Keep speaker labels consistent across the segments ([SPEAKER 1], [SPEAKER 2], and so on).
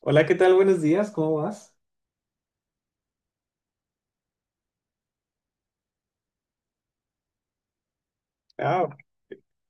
[SPEAKER 1] Hola, ¿qué tal? Buenos días, ¿cómo vas? Ah,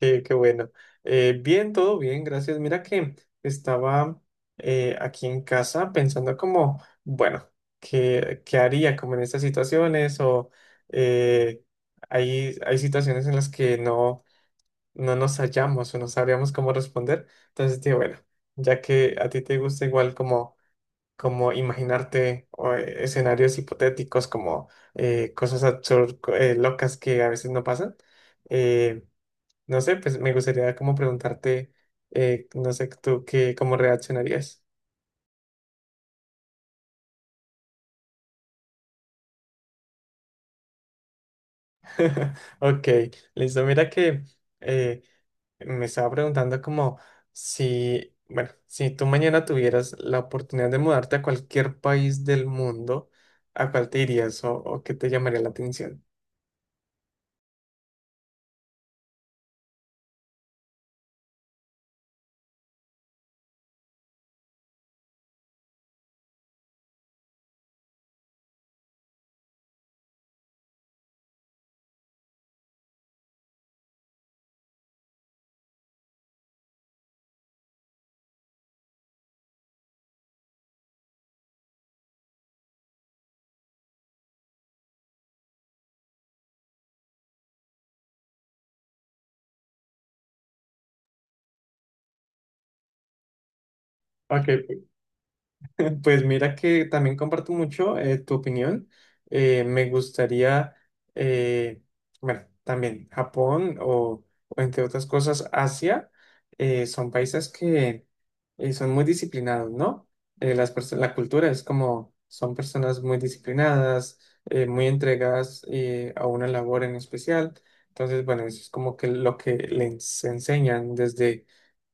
[SPEAKER 1] qué bueno. Bien, todo bien, gracias. Mira que estaba aquí en casa pensando como, bueno, ¿qué haría como en estas situaciones? Eh, hay situaciones en las que no nos hallamos o no sabríamos cómo responder. Entonces, dije, bueno, ya que a ti te gusta igual como como imaginarte o escenarios hipotéticos, como cosas absurdas, locas que a veces no pasan. Eh, no sé, pues me gustaría como preguntarte, no sé tú qué, cómo reaccionarías. Ok, listo. Mira que eh, me estaba preguntando como si, bueno, si tú mañana tuvieras la oportunidad de mudarte a cualquier país del mundo, ¿a cuál te irías o qué te llamaría la atención? Ok, pues mira que también comparto mucho tu opinión. Me gustaría, eh, bueno, también Japón o entre otras cosas Asia, son países que son muy disciplinados, ¿no? La cultura es como, son personas muy disciplinadas, muy entregadas a una labor en especial. Entonces, bueno, eso es como que lo que les enseñan desde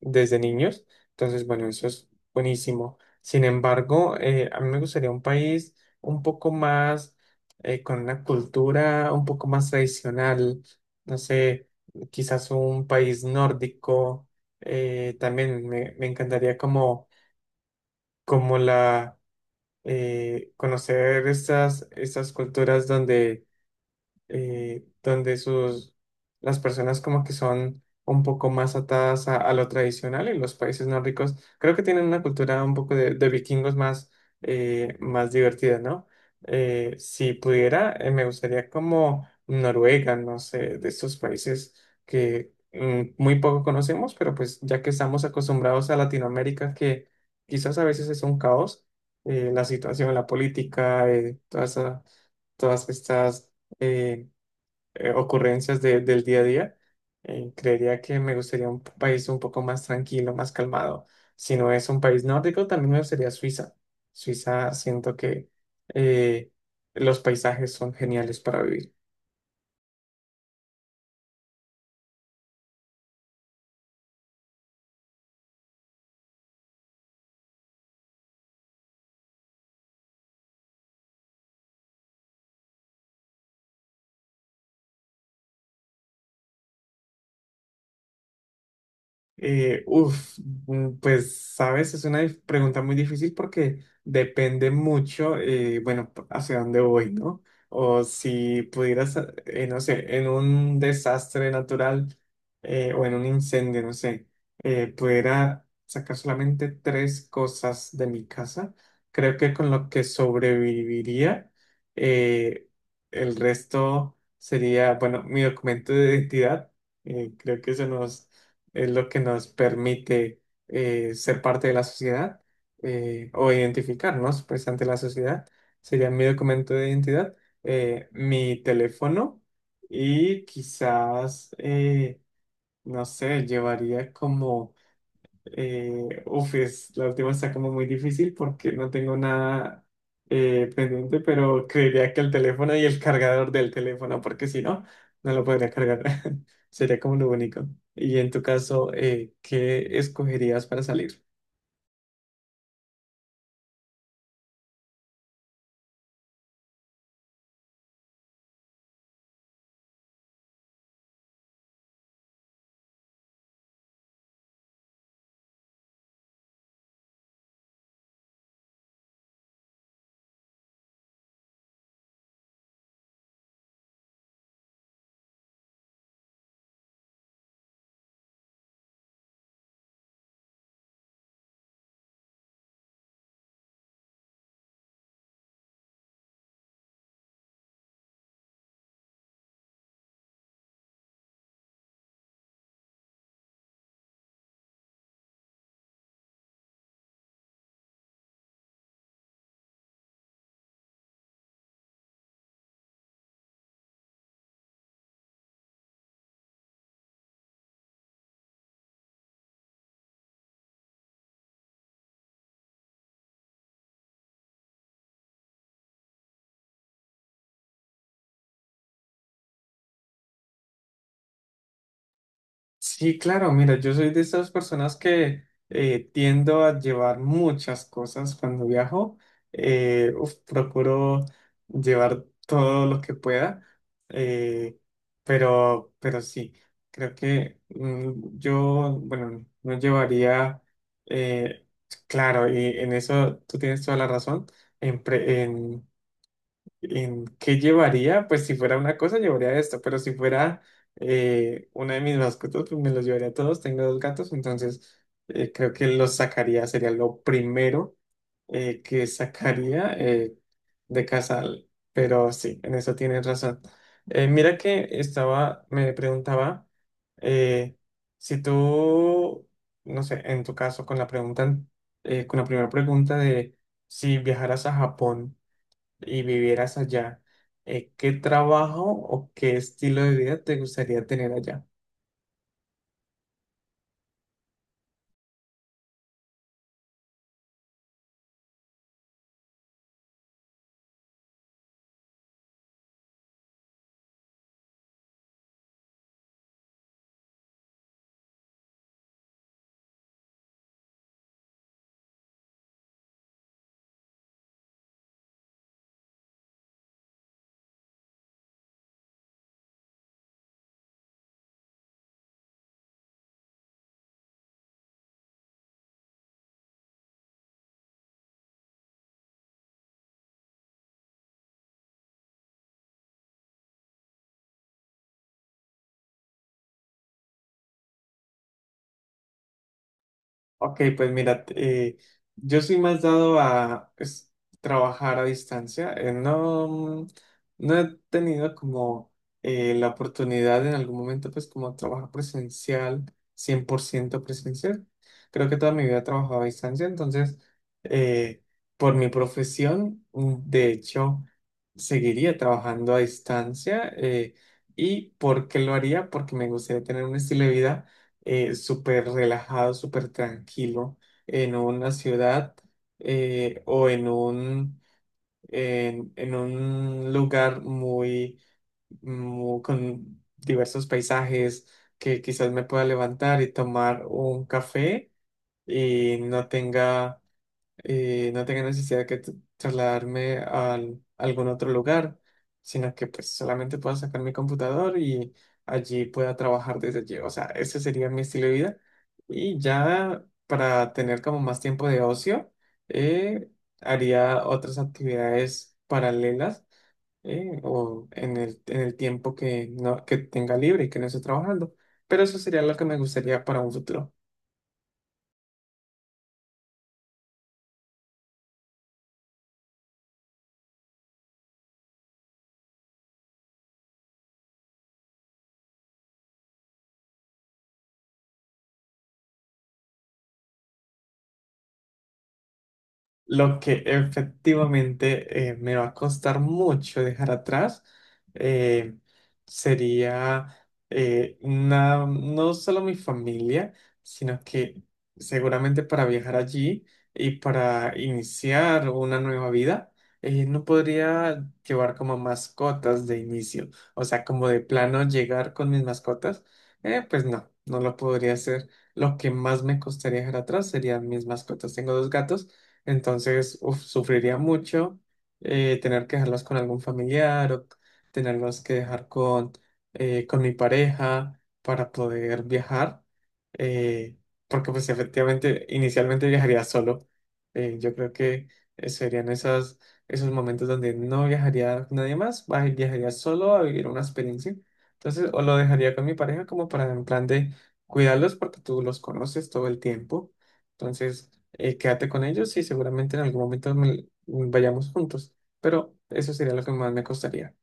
[SPEAKER 1] desde niños. Entonces, bueno, eso es buenísimo. Sin embargo, a mí me gustaría un país un poco más, con una cultura un poco más tradicional, no sé, quizás un país nórdico. También me encantaría como conocer estas culturas donde donde las personas como que son un poco más atadas a lo tradicional y los países nórdicos creo que tienen una cultura un poco de vikingos más, más divertida, ¿no? Si pudiera, me gustaría como Noruega, no sé, de estos países que mm, muy poco conocemos, pero pues ya que estamos acostumbrados a Latinoamérica, que quizás a veces es un caos, la situación, la política, todas estas... eh, ocurrencias del día a día. Creería que me gustaría un país un poco más tranquilo, más calmado. Si no es un país nórdico, también me gustaría Suiza. Suiza, siento que eh, los paisajes son geniales para vivir. Uf, mm, pues sabes, es una pregunta muy difícil porque depende mucho, bueno, hacia dónde voy, ¿no? O si pudieras, no sé, en un desastre natural o en un incendio, no sé, pudiera sacar solamente tres cosas de mi casa, creo que con lo que sobreviviría, eh, el resto sería, bueno, mi documento de identidad, creo que eso nos es lo que nos permite ser parte de la sociedad o identificarnos pues ante la sociedad. Sería mi documento de identidad, mi teléfono y quizás, no sé, llevaría como uf, la última está como muy difícil porque no tengo nada pendiente, pero creería que el teléfono y el cargador del teléfono, porque si no, no lo podría cargar. Sería como lo único. Y en tu caso, ¿qué escogerías para salir? Sí, claro, mira, yo soy de esas personas que tiendo a llevar muchas cosas cuando viajo. Uf, procuro llevar todo lo que pueda, eh, pero sí, creo que mm, yo, bueno, no llevaría, eh, claro, y en eso tú tienes toda la razón, en, pre- en ¿en qué llevaría? Pues si fuera una cosa, llevaría esto, pero si fuera una de mis mascotas, pues me los llevaría a todos. Tengo dos gatos, entonces creo que los sacaría, sería lo primero que sacaría de casa. Pero sí, en eso tienes razón. Mira que estaba, me preguntaba eh, si tú, no sé, en tu caso, con la pregunta, con la primera pregunta de si viajaras a Japón y vivieras allá, ¿qué trabajo o qué estilo de vida te gustaría tener allá? Ok, pues mira, yo soy más dado a pues, trabajar a distancia. No, no he tenido como la oportunidad en algún momento, pues como trabajar presencial, 100% presencial. Creo que toda mi vida he trabajado a distancia, entonces, eh, por mi profesión, mm, de hecho, seguiría trabajando a distancia. ¿Y por qué lo haría? Porque me gustaría tener un estilo de vida súper relajado, súper tranquilo en una ciudad o en un lugar muy, con diversos paisajes que quizás me pueda levantar y tomar un café y no tenga y no tenga necesidad de trasladarme a algún otro lugar, sino que pues solamente pueda sacar mi computador y allí pueda trabajar desde allí. O sea, ese sería mi estilo de vida. Y ya para tener como más tiempo de ocio, eh, haría otras actividades paralelas o en el tiempo que, no, que tenga libre y que no esté trabajando. Pero eso sería lo que me gustaría para un futuro. Lo que efectivamente me va a costar mucho dejar atrás eh, sería no solo mi familia, sino que seguramente para viajar allí y para iniciar una nueva vida, no podría llevar como mascotas de inicio. O sea, como de plano llegar con mis mascotas, pues no lo podría hacer. Lo que más me costaría dejar atrás serían mis mascotas. Tengo dos gatos. Entonces, uf, sufriría mucho tener que dejarlos con algún familiar o tenerlos que dejar con mi pareja para poder viajar, eh, porque pues efectivamente inicialmente viajaría solo. Yo creo que serían esos momentos donde no viajaría con nadie más, viajaría solo a vivir una experiencia. Entonces, o lo dejaría con mi pareja como para en plan de cuidarlos porque tú los conoces todo el tiempo. Entonces, quédate con ellos y seguramente en algún momento vayamos juntos, pero eso sería lo que más me costaría.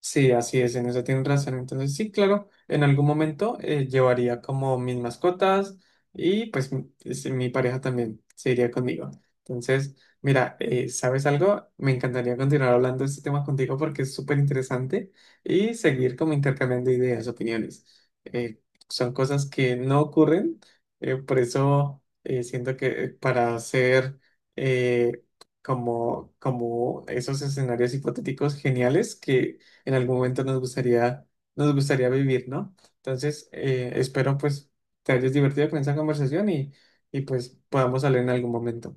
[SPEAKER 1] Sí, así es, en eso tienes razón. Entonces, sí, claro, en algún momento llevaría como mis mascotas y pues mi, sí, mi pareja también se iría conmigo. Entonces, mira, ¿sabes algo? Me encantaría continuar hablando de este tema contigo porque es súper interesante y seguir como intercambiando ideas, opiniones. Eh, Son cosas que no ocurren, por eso siento que para hacer eh, como esos escenarios hipotéticos geniales que en algún momento nos gustaría vivir, ¿no? Entonces, espero pues te hayas divertido con esa conversación y pues podamos hablar en algún momento.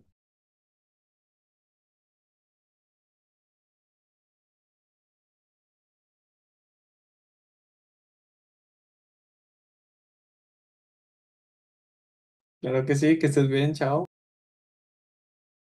[SPEAKER 1] Claro que sí, que estés bien, chao.